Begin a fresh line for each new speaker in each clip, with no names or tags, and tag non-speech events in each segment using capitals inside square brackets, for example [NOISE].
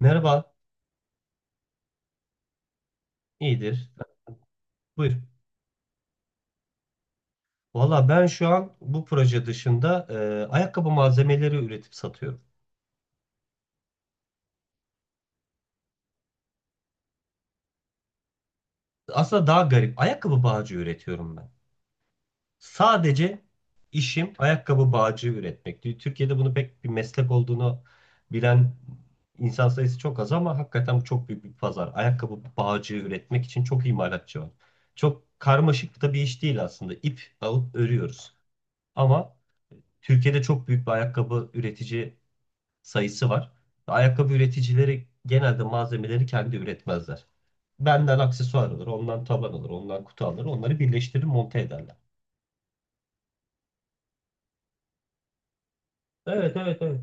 Merhaba, iyidir. Buyur. Valla ben şu an bu proje dışında ayakkabı malzemeleri üretip satıyorum. Aslında daha garip. Ayakkabı bağcı üretiyorum ben. Sadece işim ayakkabı bağcı üretmek. Türkiye'de bunu pek bir meslek olduğunu bilen insan sayısı çok az ama hakikaten bu çok büyük bir pazar. Ayakkabı bağcı üretmek için çok imalatçı var. Çok karmaşık da bir iş değil aslında. İp alıp örüyoruz. Ama Türkiye'de çok büyük bir ayakkabı üretici sayısı var. Ayakkabı üreticileri genelde malzemeleri kendi üretmezler. Benden aksesuar alır, ondan taban alır, ondan kutu alır. Onları birleştirir, monte ederler. Evet, evet, evet.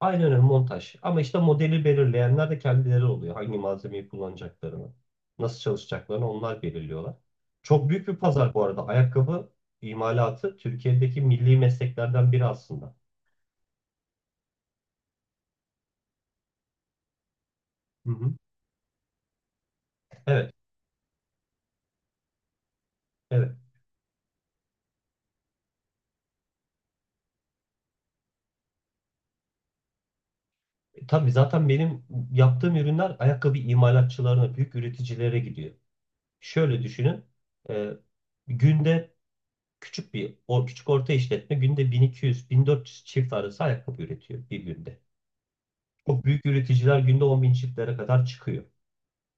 Aynen öyle montaj. Ama işte modeli belirleyenler de kendileri oluyor. Hangi malzemeyi kullanacaklarını, nasıl çalışacaklarını onlar belirliyorlar. Çok büyük bir pazar bu arada. Ayakkabı imalatı Türkiye'deki milli mesleklerden biri aslında. Hı hı. Evet, evet. Tabii zaten benim yaptığım ürünler ayakkabı imalatçılarına, büyük üreticilere gidiyor. Şöyle düşünün. e, günde küçük bir o küçük orta işletme günde 1200-1400 çift arası ayakkabı üretiyor bir günde. O büyük üreticiler günde 10.000 çiftlere kadar çıkıyor.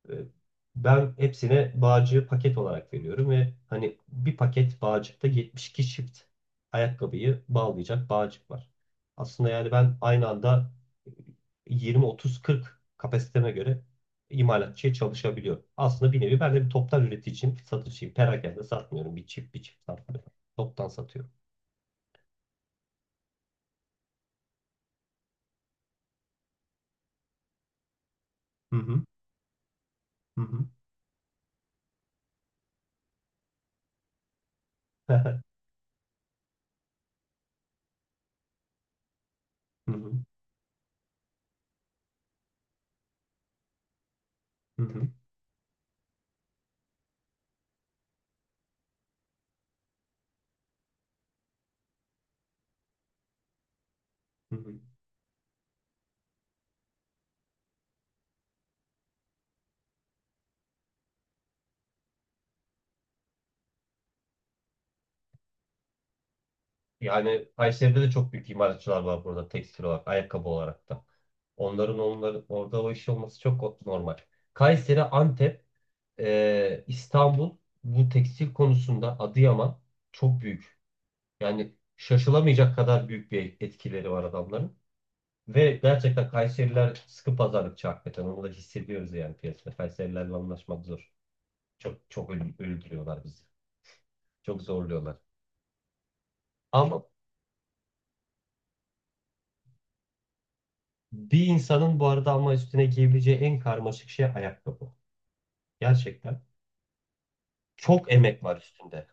E, Ben hepsine bağcığı paket olarak veriyorum ve hani bir paket bağcıkta 72 çift ayakkabıyı bağlayacak bağcık var. Aslında yani ben aynı anda 20-30-40 kapasiteme göre imalatçıya çalışabiliyorum. Aslında bir nevi ben de bir toptan üreticiyim, satışçıyım. Perakende satmıyorum. Bir çift satmıyorum. Toptan satıyorum. Hı hı. Hı hı. [LAUGHS] Hı hı. Hı hı. Hı hı. Yani Kayseri'de de çok büyük imalatçılar var burada tekstil olarak, ayakkabı olarak da. Onların orada o iş olması çok normal. Kayseri, Antep, İstanbul bu tekstil konusunda Adıyaman çok büyük. Yani şaşılamayacak kadar büyük bir etkileri var adamların. Ve gerçekten Kayseriler sıkı pazarlıkçı hakikaten. Onu da hissediyoruz yani piyasada. Kayserilerle anlaşmak zor. Çok çok öldürüyorlar bizi. Çok zorluyorlar. Ama Bir insanın bu arada ama üstüne giyebileceği en karmaşık şey ayakkabı. Gerçekten. Çok emek var üstünde.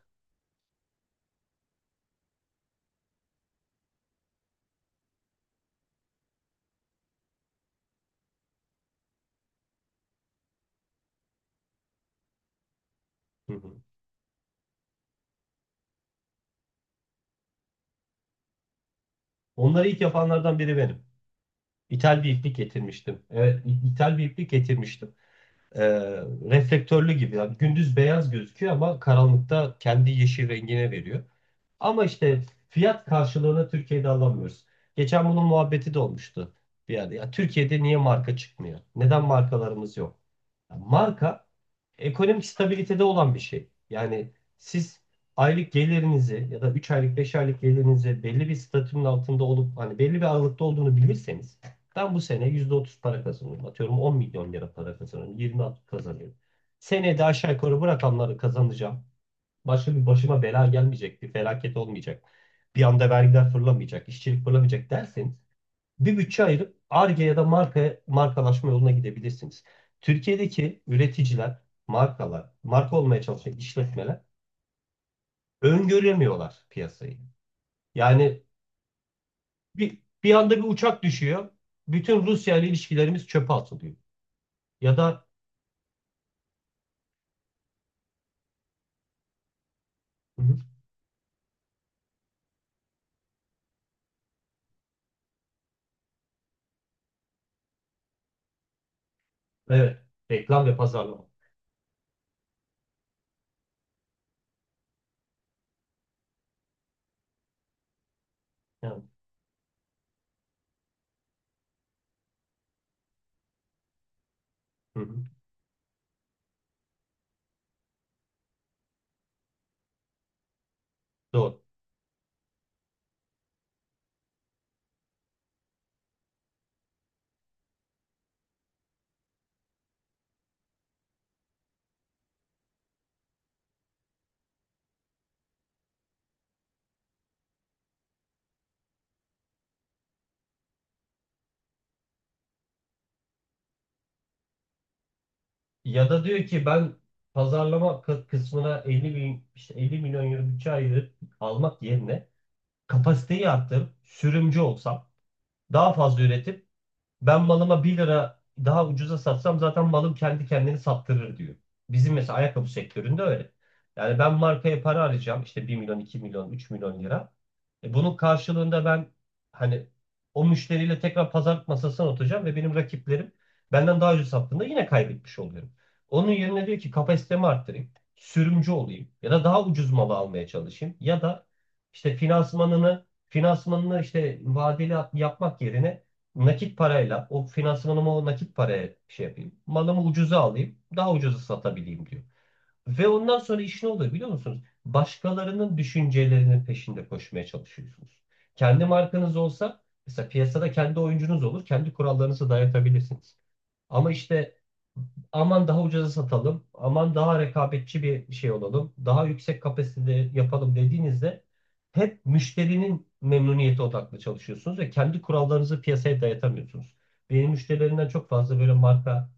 Hı hı. Onları ilk yapanlardan biri benim. İthal bir iplik getirmiştim. Evet, ithal bir iplik getirmiştim. e, Reflektörlü gibi. Yani gündüz beyaz gözüküyor ama karanlıkta kendi yeşil rengine veriyor. Ama işte fiyat karşılığını Türkiye'de alamıyoruz. Geçen bunun muhabbeti de olmuştu bir yerde. Ya Türkiye'de niye marka çıkmıyor? Neden markalarımız yok? Marka ekonomik stabilitede olan bir şey. Yani siz aylık gelirinizi ya da 3 aylık 5 aylık gelirinizi belli bir statünün altında olup hani belli bir aralıkta olduğunu bilirseniz ben bu sene %30 para kazanıyorum. Atıyorum 10.000.000 lira para kazanıyorum. 20 kazanıyorum. Seneye de aşağı yukarı bu rakamları kazanacağım. Başka bir başıma bela gelmeyecek. Bir felaket olmayacak. Bir anda vergiler fırlamayacak. İşçilik fırlamayacak derseniz bir bütçe ayırıp Ar-Ge ya da marka, markalaşma yoluna gidebilirsiniz. Türkiye'deki üreticiler, markalar, marka olmaya çalışan işletmeler öngöremiyorlar piyasayı. Yani bir anda bir uçak düşüyor. Bütün Rusya ile ilişkilerimiz çöpe atılıyor. Ya da hı hı. Evet, reklam ve pazarlama. Yani, hı hı, doğru. Ya da diyor ki ben pazarlama kısmına 50 bin, işte 50 milyon euro bütçe ayırıp almak yerine kapasiteyi arttırıp sürümcü olsam daha fazla üretip ben malıma bir lira daha ucuza satsam zaten malım kendi kendini sattırır diyor. Bizim mesela ayakkabı sektöründe öyle. Yani ben markaya para arayacağım işte 1.000.000, 2.000.000, 3.000.000 lira. Bunun karşılığında ben hani o müşteriyle tekrar pazarlık masasına oturacağım ve benim rakiplerim benden daha ucuz sattığında yine kaybetmiş oluyorum. Onun yerine diyor ki kapasitemi arttırayım, sürümcü olayım ya da daha ucuz malı almaya çalışayım ya da işte finansmanını işte vadeli yapmak yerine nakit parayla o finansmanımı o nakit paraya şey yapayım. Malımı ucuza alayım, daha ucuza satabileyim diyor. Ve ondan sonra iş ne oluyor biliyor musunuz? Başkalarının düşüncelerinin peşinde koşmaya çalışıyorsunuz. Kendi markanız olsa mesela piyasada kendi oyuncunuz olur. Kendi kurallarınızı dayatabilirsiniz. Ama işte aman daha ucuza satalım, aman daha rekabetçi bir şey olalım, daha yüksek kapasitede yapalım dediğinizde hep müşterinin memnuniyeti odaklı çalışıyorsunuz ve kendi kurallarınızı piyasaya dayatamıyorsunuz. Benim müşterilerimden çok fazla böyle marka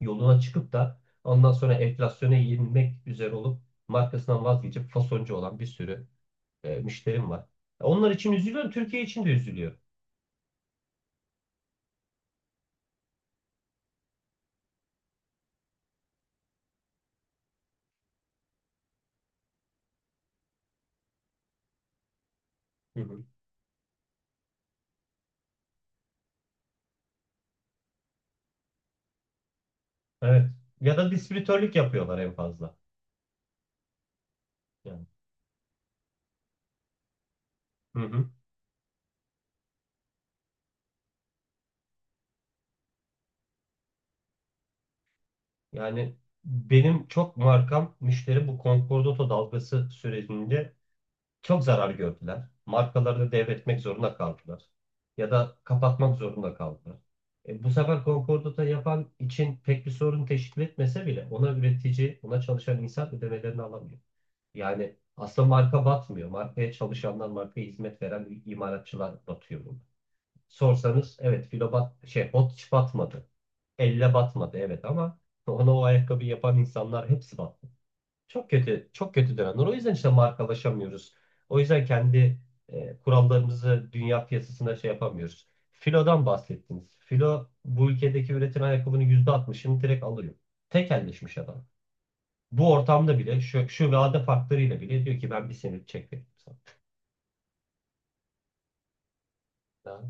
yoluna çıkıp da ondan sonra enflasyona yenilmek üzere olup markasından vazgeçip fasoncu olan bir sürü müşterim var. Onlar için üzülüyorum, Türkiye için de üzülüyorum. Hı hı. Evet. Ya da distribütörlük yapıyorlar en fazla. Yani. Hı hı. Yani benim çok markam müşteri bu Concordato dalgası sürecinde çok zarar gördüler. Markalarını devretmek zorunda kaldılar. Ya da kapatmak zorunda kaldılar. E, bu sefer Concordat'a yapan için pek bir sorun teşkil etmese bile ona üretici, ona çalışan insan ödemelerini alamıyor. Yani aslında marka batmıyor. Markaya çalışanlar, markaya hizmet veren imalatçılar batıyor burada. Sorsanız evet filo bat, şey bot hiç batmadı. Elle batmadı evet ama [LAUGHS] ona o ayakkabı yapan insanlar hepsi battı. Çok kötü, çok kötü dönemler. O yüzden işte markalaşamıyoruz. O yüzden kendi kurallarımızı dünya piyasasına şey yapamıyoruz. Filo'dan bahsettiniz. Filo bu ülkedeki üretilen ayakkabının %60'ını direkt alıyor. Tekelleşmiş adam. Bu ortamda bile şu vade faktörüyle bile diyor ki ben bir senelik çek veririm sana. Ya,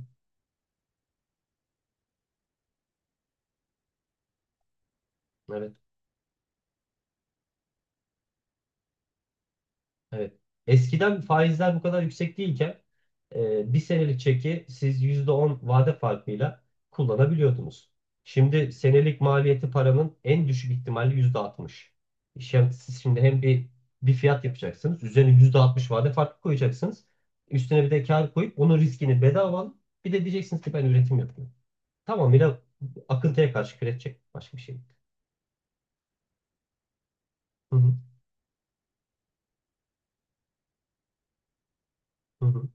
evet. Evet. Eskiden faizler bu kadar yüksek değilken bir senelik çeki siz %10 vade farkıyla kullanabiliyordunuz. Şimdi senelik maliyeti paranın en düşük ihtimali %60. Şimdi, siz şimdi hem bir fiyat yapacaksınız. Üzerine %60 vade farkı koyacaksınız. Üstüne bir de kar koyup onun riskini bedava alın. Bir de diyeceksiniz ki ben üretim yapıyorum. Tamamıyla akıntıya karşı kredi çek. Başka bir şey yok. Hı hı, hı hı.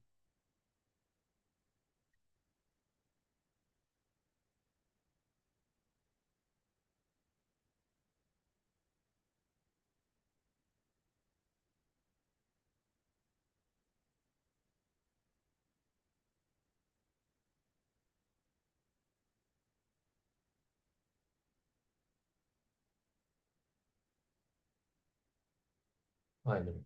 Aynen.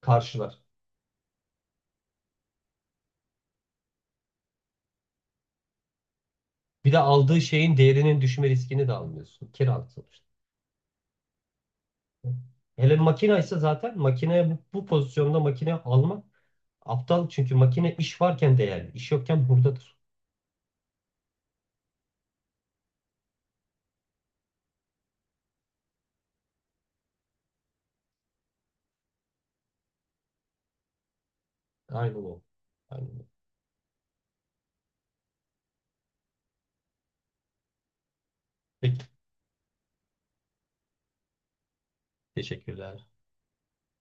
Karşılar. Bir de aldığı şeyin değerinin düşme riskini de almıyorsun. Kiralık sonuçta. Hele makine ise zaten makine bu pozisyonda makine almak aptal. Çünkü makine iş varken değerli. İş yokken hurdadır. Aynen o. Aynen o. Peki. Teşekkürler.